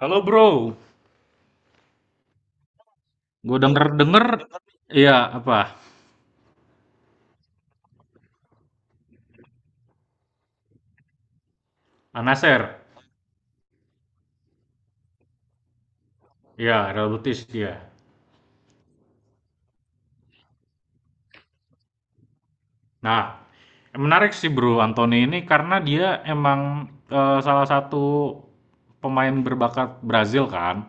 Halo bro, gue denger-denger, iya apa, Anaser, iya Real Betis dia. Nah, menarik sih bro Anthony ini karena dia emang salah satu pemain berbakat Brazil kan,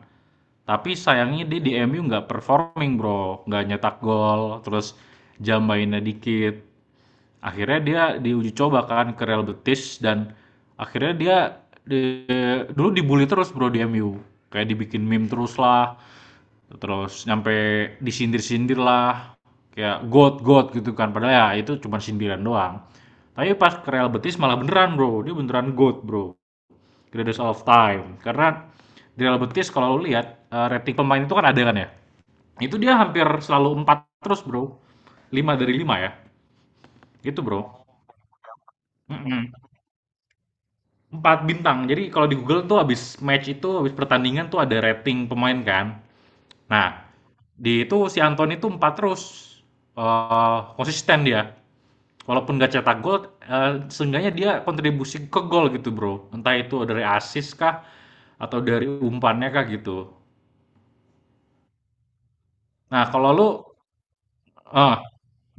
tapi sayangnya dia di MU nggak performing bro, nggak nyetak gol, terus jam mainnya dikit. Akhirnya dia diuji coba kan ke Real Betis dan akhirnya dia dulu dibully terus bro di MU. Kayak dibikin meme terus lah, terus nyampe disindir-sindir lah, kayak god god gitu kan. Padahal ya itu cuma sindiran doang. Tapi pas ke Real Betis malah beneran bro, dia beneran god bro. Greatest of time. Karena di Real Betis kalau lu lihat rating pemain itu kan ada kan ya. Itu dia hampir selalu 4 terus bro, 5 dari 5 ya. Gitu bro. Mm-mm. Empat bintang. Jadi kalau di Google tuh habis match itu, habis pertandingan tuh ada rating pemain kan. Nah, di itu si Anton itu empat terus. Konsisten dia. Walaupun nggak cetak gol, eh, seenggaknya dia kontribusi ke gol gitu bro. Entah itu dari asis kah, atau dari umpannya kah gitu. Nah, kalau lu, ah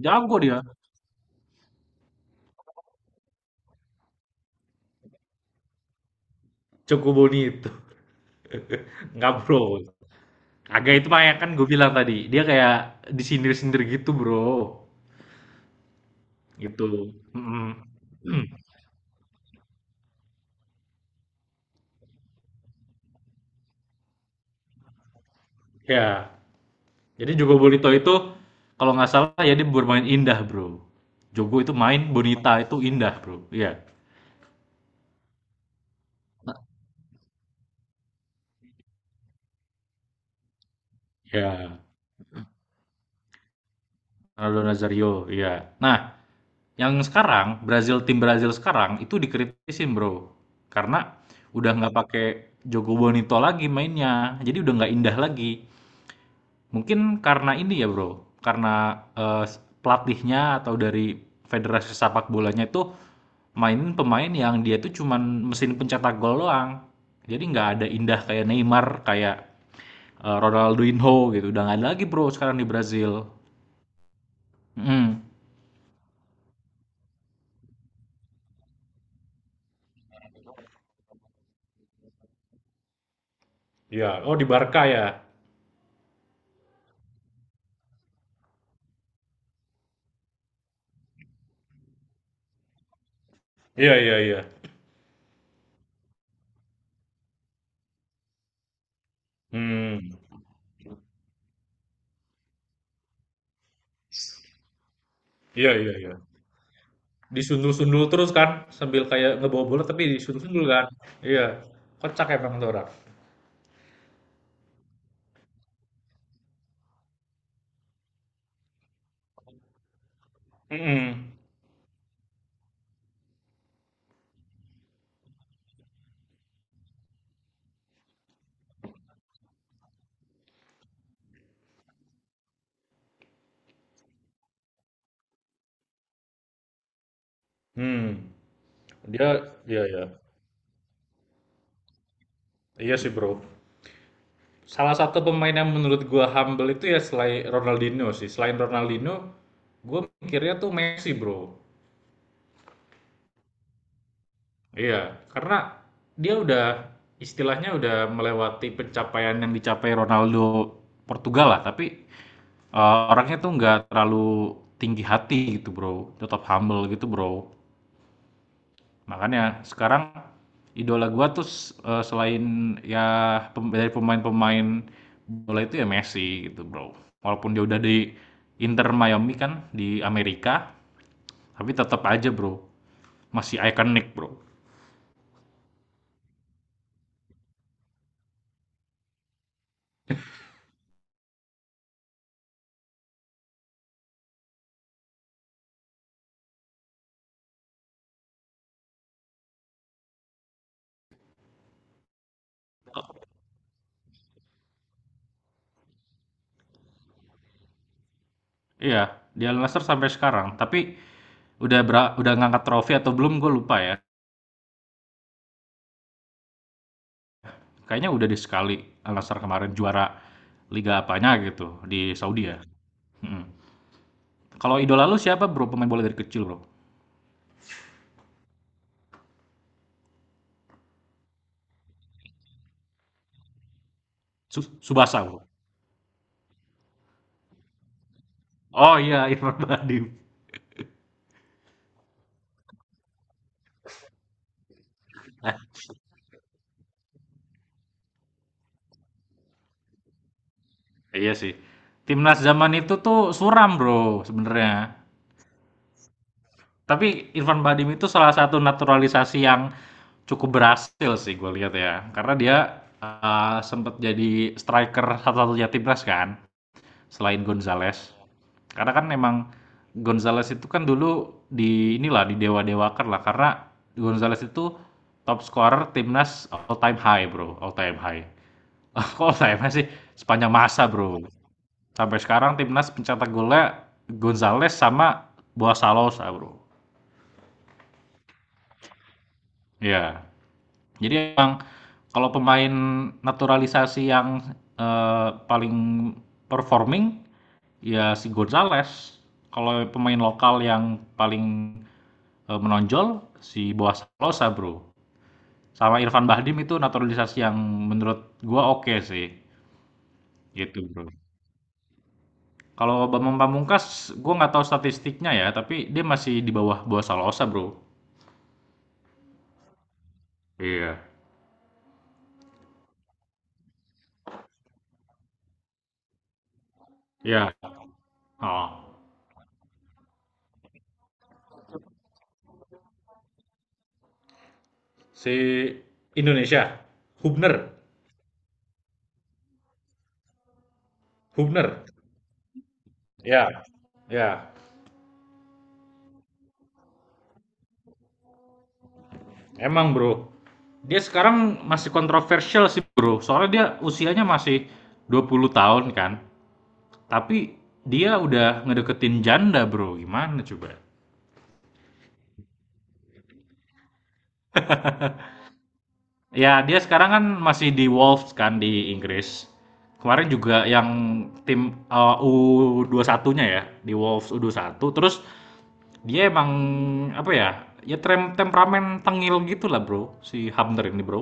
jago dia. Cukup Boni itu. Nggak bro. Agak itu mah yang kan gue bilang tadi. Dia kayak disindir-sindir gitu bro. Gitu. Mm-mm. Ya. Jadi Jogo Bonito itu kalau nggak salah ya dia bermain indah bro. Jogo itu main, Bonita itu indah bro. Iya. Iya. Ronaldo Nazario. Iya. Nah, yang sekarang Brazil tim Brazil sekarang itu dikritisin bro, karena udah nggak pakai Jogo Bonito lagi mainnya. Jadi udah nggak indah lagi. Mungkin karena ini ya bro, karena eh, pelatihnya atau dari federasi sepak bolanya itu mainin pemain yang dia tuh cuman mesin pencetak gol doang. Jadi nggak ada indah kayak Neymar, kayak Ronaldinho gitu. Udah nggak ada lagi bro sekarang di Brazil. Mm. Iya, oh di Barca ya. Iya, iya, iya. Hmm, iya, iya, iya. Disundul-sundul terus kan, sambil kayak ngebawa bola tapi disundul-sundul kan. Iya, kocak emang tuh orang. Mm-mm. Hmm, dia, iya, iya. Iya sih bro. Salah satu pemain yang menurut gue humble itu ya selain Ronaldinho sih. Selain Ronaldinho, gue mikirnya tuh Messi, Bro. Iya, karena dia udah istilahnya udah melewati pencapaian yang dicapai Ronaldo Portugal lah, tapi orangnya tuh nggak terlalu tinggi hati gitu, Bro. Tetap humble gitu, Bro. Makanya sekarang idola gue tuh selain ya dari pemain-pemain bola itu ya Messi gitu, Bro. Walaupun dia udah di Inter Miami kan di Amerika, tapi tetap aja, Bro. Masih ikonik, Bro. Iya, di Al Nassr sampai sekarang, tapi udah ngangkat trofi atau belum gue lupa ya. Kayaknya udah di sekali Al Nassr kemarin juara liga apanya gitu di Saudi ya. mm Kalau idola lu siapa, Bro, pemain bola dari kecil, Bro? Su Subasa, Bro. Oh iya, Irfan Bahdim. Iya sih. Timnas zaman itu tuh suram, Bro, sebenarnya. Tapi Irfan Bahdim itu salah satu naturalisasi yang cukup berhasil sih gue lihat ya. Karena dia sempat jadi striker satu-satunya timnas kan, selain Gonzales. Karena kan memang Gonzales itu kan dulu di inilah di dewa-dewakan lah karena Gonzales itu top scorer timnas all time high, Bro, all time high. Kok all time high sih? Sepanjang masa, Bro. Sampai sekarang timnas pencetak golnya Gonzales sama Boa Salosa, Bro. Ya. Jadi emang kalau pemain naturalisasi yang paling performing ya si Gonzales. Kalau pemain lokal yang paling menonjol si Boa Salosa, Bro. Sama Irfan Bahdim itu naturalisasi yang menurut gua oke sih. Gitu, Bro. Kalau Bambang Pamungkas, gua nggak tahu statistiknya ya, tapi dia masih di bawah Boa Salosa, Bro. Iya. Ya. Oh. Si Indonesia, Hubner, Hubner. Ya. Ya. Emang, Bro. Dia sekarang masih kontroversial sih, Bro. Soalnya dia usianya masih 20 tahun kan. Tapi dia udah ngedeketin janda, Bro. Gimana coba? Ya, dia sekarang kan masih di Wolves kan di Inggris. Kemarin juga yang tim eh, U21-nya ya, di Wolves U21, terus dia emang apa ya? Ya temperamen tengil gitu lah bro, si Hamner ini bro.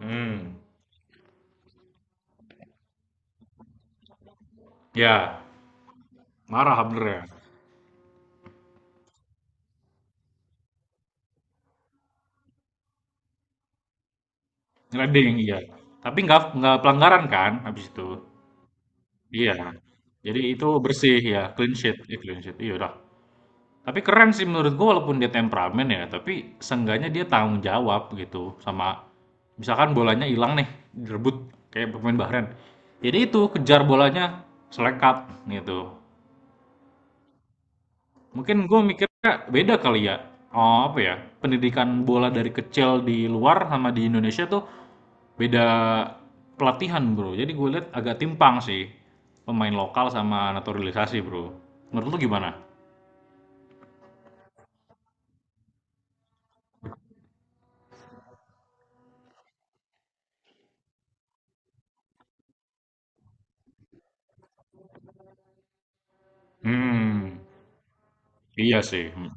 Hmm, ya marah Hamner ya, ngeleding iya. Tapi nggak pelanggaran kan habis itu. Iya. Jadi itu bersih ya, clean sheet, ya, clean sheet. Iya udah. Tapi keren sih menurut gua walaupun dia temperamen ya, tapi seenggaknya dia tanggung jawab gitu sama misalkan bolanya hilang nih, direbut kayak pemain Bahrain. Jadi itu kejar bolanya selekat gitu. Mungkin gue mikirnya beda kali ya. Oh, apa ya? Pendidikan bola dari kecil di luar sama di Indonesia tuh beda pelatihan bro. Jadi gue lihat agak timpang sih pemain lokal sama naturalisasi bro. Menurut lu gimana? Hmm, iya sih. Hmm.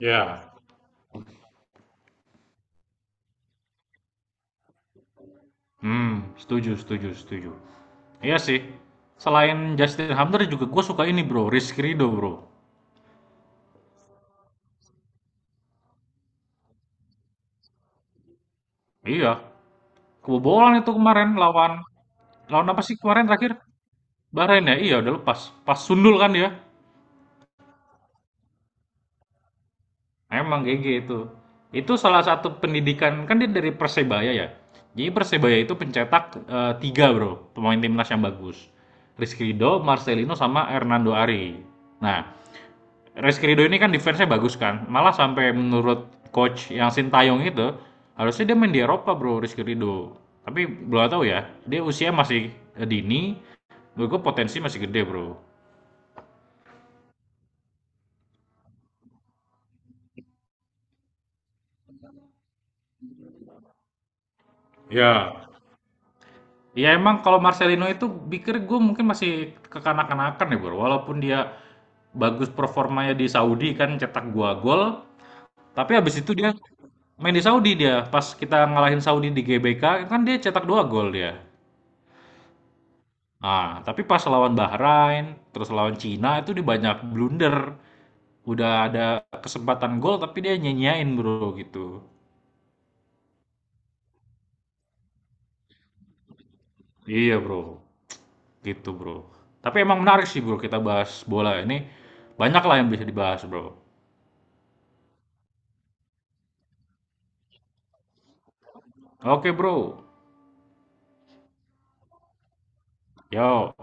Ya. Hmm, setuju, setuju, setuju. Iya sih. Selain Justin Hamner juga gue suka ini bro, Rizky Ridho bro. Iya, kebobolan itu kemarin lawan lawan apa sih kemarin terakhir? Bahrain ya? Iya udah lepas. Pas sundul kan dia? Emang GG itu. Itu salah satu pendidikan kan dia dari Persebaya ya. Jadi Persebaya itu pencetak tiga bro pemain timnas yang bagus. Rizky Ridho, Marcelino sama Hernando Ari. Nah, Rizky Ridho ini kan defense-nya bagus kan. Malah sampai menurut coach yang Sintayong itu harusnya dia main di Eropa bro Rizky Ridho. Tapi belum tahu ya. Dia usia masih dini. Menurut gue potensi masih gede bro. Ya, ya emang kalau Marcelino itu pikir gue mungkin masih kekanak-kanakan ya bro. Walaupun dia bagus performanya di Saudi kan cetak gua gol. Tapi habis itu dia main di Saudi dia. Pas kita ngalahin Saudi di GBK kan dia cetak dua gol dia. Nah tapi pas lawan Bahrain terus lawan Cina itu dia banyak blunder. Udah ada kesempatan gol tapi dia nyenyain bro gitu. Iya bro, gitu bro. Tapi emang menarik sih bro kita bahas bola ini. Banyak lah yang bisa dibahas bro. Oke bro. Yo,